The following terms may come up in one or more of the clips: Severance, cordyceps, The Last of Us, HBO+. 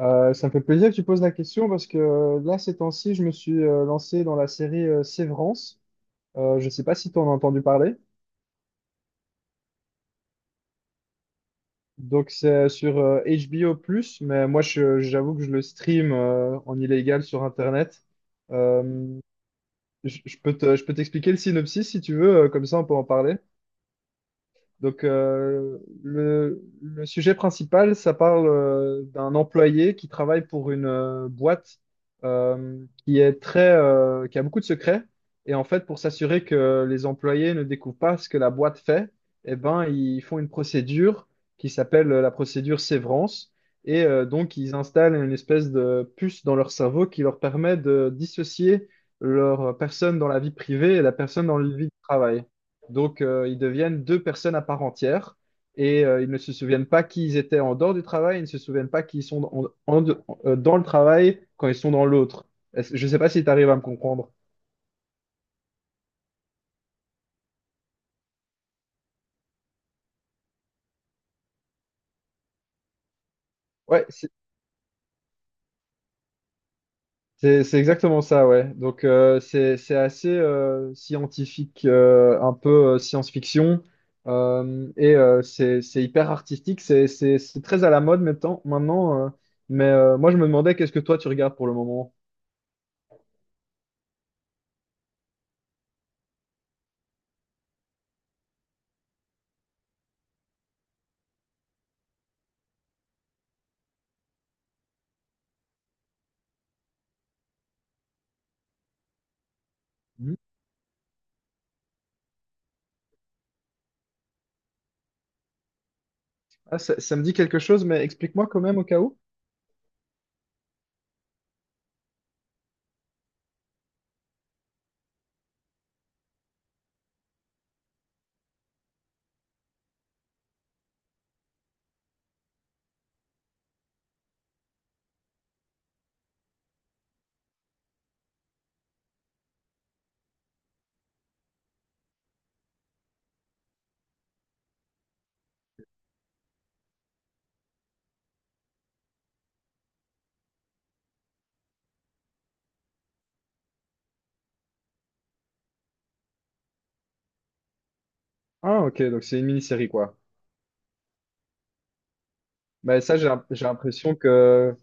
Ça me fait plaisir que tu poses la question parce que là, ces temps-ci, je me suis lancé dans la série Sévrance. Je ne sais pas si tu en as entendu parler. Donc, c'est sur HBO+, mais moi, j'avoue que je le stream en illégal sur Internet. Euh, je peux je peux t'expliquer le synopsis si tu veux, comme ça on peut en parler. Donc, le sujet principal, ça parle d'un employé qui travaille pour une boîte euh, qui est qui a beaucoup de secrets. Et en fait, pour s'assurer que les employés ne découvrent pas ce que la boîte fait, eh ben, ils font une procédure qui s'appelle la procédure sévrance. Et donc, ils installent une espèce de puce dans leur cerveau qui leur permet de dissocier leur personne dans la vie privée et la personne dans la vie de travail. Donc, ils deviennent deux personnes à part entière et ils ne se souviennent pas qui ils étaient en dehors du travail, ils ne se souviennent pas qui ils sont en de- dans le travail quand ils sont dans l'autre. Je ne sais pas si tu arrives à me comprendre. Ouais, c'est exactement ça, ouais. Donc, c'est assez scientifique, un peu science-fiction. Et c'est hyper artistique, c'est très à la mode maintenant. Moi, je me demandais qu'est-ce que toi tu regardes pour le moment? Ah, ça me dit quelque chose, mais explique-moi quand même au cas où. Ah, ok, donc c'est une mini-série, quoi. Mais ça, j'ai l'impression que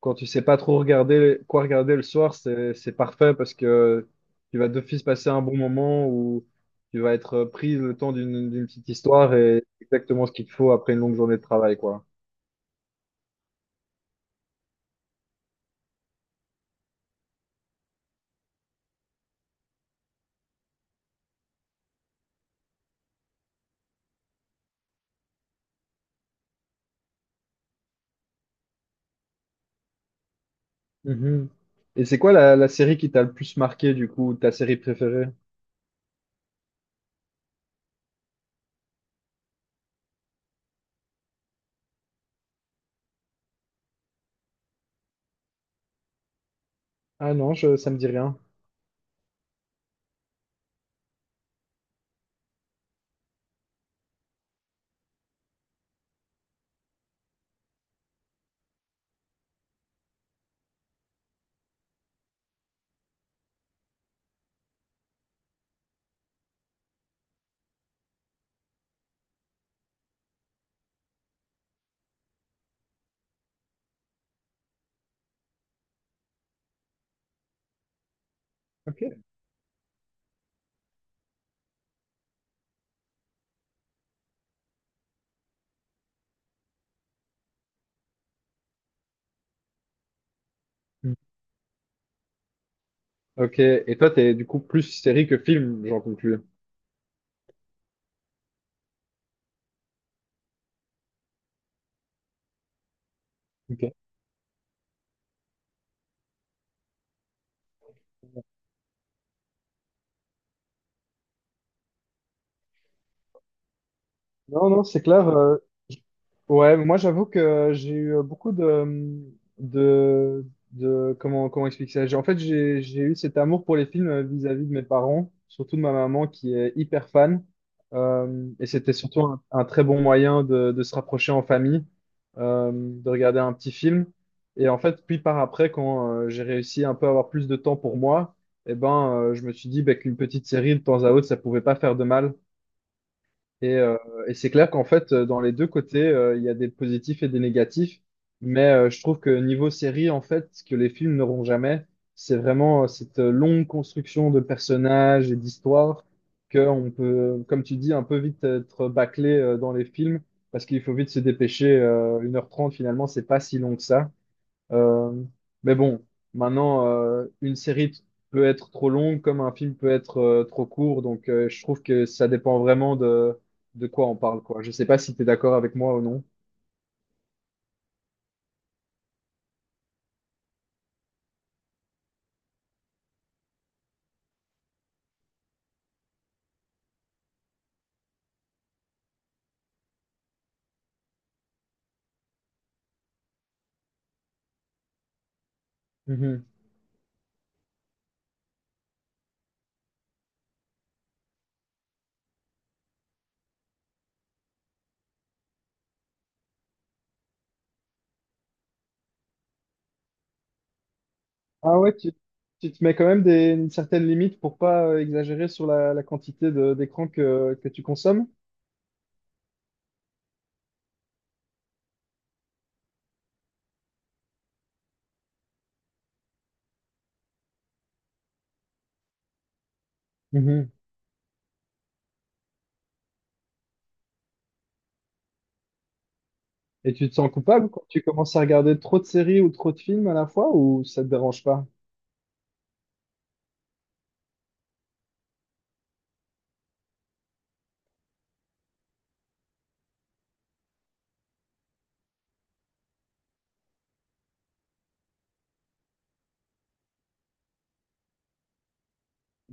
quand tu sais pas trop regarder quoi regarder le soir, c'est parfait parce que tu vas d'office passer un bon moment où tu vas être pris le temps d'une petite histoire et exactement ce qu'il te faut après une longue journée de travail, quoi. Mhm. Et c'est quoi la série qui t'a le plus marqué, du coup, ta série préférée? Ah non, ça me dit rien. Ok. Mm. Ok, et toi, t'es du coup plus série que film, j'en conclus. Ok. Non, non, c'est clair. Ouais, moi j'avoue que j'ai eu euh, beaucoup de, de, de comment, comment expliquer ça? En fait, j'ai eu cet amour pour les films vis-à-vis de mes parents, surtout de ma maman qui est hyper fan. Et c'était surtout un très bon moyen de se rapprocher en famille, de regarder un petit film. Et en fait, puis par après, quand j'ai réussi un peu à avoir plus de temps pour moi, eh ben, je me suis dit bah, qu'une petite série de temps à autre, ça pouvait pas faire de mal. Et, euh, et c'est clair qu'en fait, dans les deux côtés, il y a des positifs et des négatifs. Mais je trouve que niveau série, en fait, ce que les films n'auront jamais, c'est vraiment cette longue construction de personnages et d'histoires qu'on peut, comme tu dis, un peu vite être bâclé dans les films parce qu'il faut vite se dépêcher. 1h30, finalement, c'est pas si long que ça. Euh, mais bon, maintenant, une série peut être trop longue comme un film peut être trop court. Donc, je trouve que ça dépend vraiment de quoi on parle, quoi. Je sais pas si tu es d'accord avec moi ou non. Mhm. Ah ouais, tu te mets quand même des, une certaine limite pour pas exagérer sur la quantité d'écran que tu consommes. Mhm. Et tu te sens coupable quand tu commences à regarder trop de séries ou trop de films à la fois ou ça te dérange pas?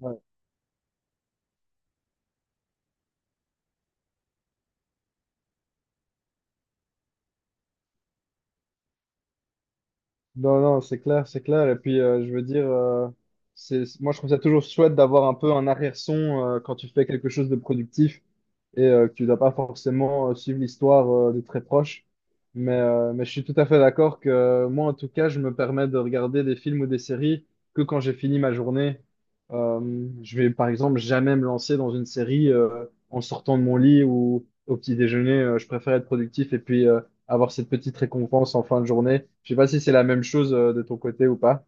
Ouais. Non, non, c'est clair, c'est clair. Et puis, je veux dire, moi, je trouve ça toujours chouette d'avoir un peu un arrière-son quand tu fais quelque chose de productif et que tu dois pas forcément suivre l'histoire de très proche. Mais, mais je suis tout à fait d'accord que moi, en tout cas, je me permets de regarder des films ou des séries que quand j'ai fini ma journée. Je vais, par exemple, jamais me lancer dans une série en sortant de mon lit ou au petit déjeuner. Je préfère être productif et puis avoir cette petite récompense en fin de journée. Je sais pas si c'est la même chose de ton côté ou pas.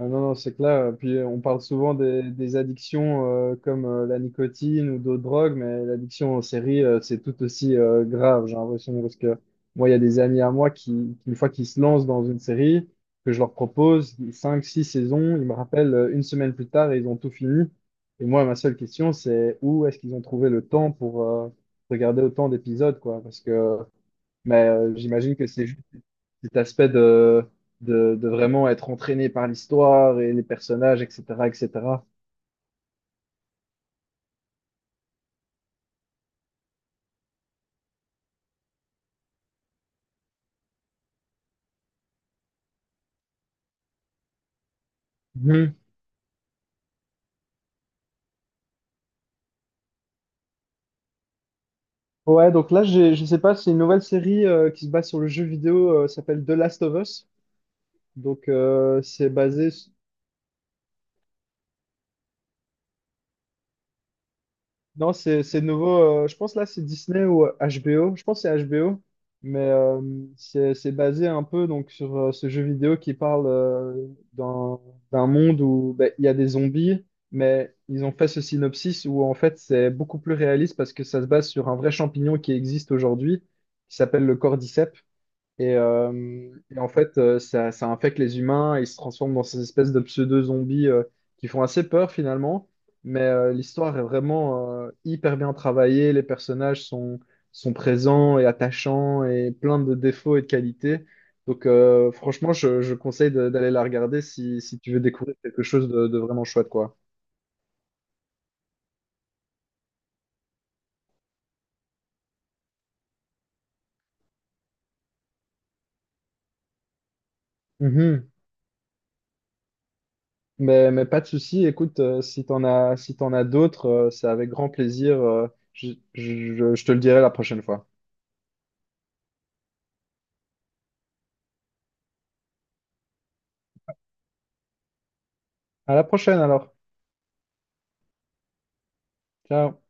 Ah non, non, c'est clair. Puis on parle souvent des addictions comme la nicotine ou d'autres drogues, mais l'addiction aux séries, c'est tout aussi grave, j'ai l'impression, parce que moi, il y a des amis à moi qui, une fois qu'ils se lancent dans une série, que je leur propose 5 6 saisons, ils me rappellent une semaine plus tard et ils ont tout fini. Et moi, ma seule question, c'est où est-ce qu'ils ont trouvé le temps pour regarder autant d'épisodes, quoi, parce que j'imagine que c'est cet aspect de, de vraiment être entraîné par l'histoire et les personnages, etc., etc. Mhm. Ouais, donc là, je sais pas, c'est une nouvelle série qui se base sur le jeu vidéo, s'appelle The Last of Us. Donc, c'est basé. Non, c'est nouveau. Je pense là, c'est Disney ou HBO. Je pense que c'est HBO. Mais c'est basé un peu donc, sur ce jeu vidéo qui parle d'un d'un monde où ben, il y a des zombies. Mais ils ont fait ce synopsis où en fait, c'est beaucoup plus réaliste parce que ça se base sur un vrai champignon qui existe aujourd'hui, qui s'appelle le cordyceps. Et en fait, ça, ça infecte les humains, et ils se transforment dans ces espèces de pseudo-zombies qui font assez peur finalement. Mais l'histoire est vraiment hyper bien travaillée, sont présents et attachants et plein de défauts et de qualités. Donc franchement, je conseille d'aller la regarder si tu veux découvrir quelque chose de vraiment chouette, quoi. Mhm. Mais pas de souci, écoute, si t'en as, si t'en as d'autres, c'est avec grand plaisir. Je je je te le dirai la prochaine fois. À la prochaine alors. Ciao.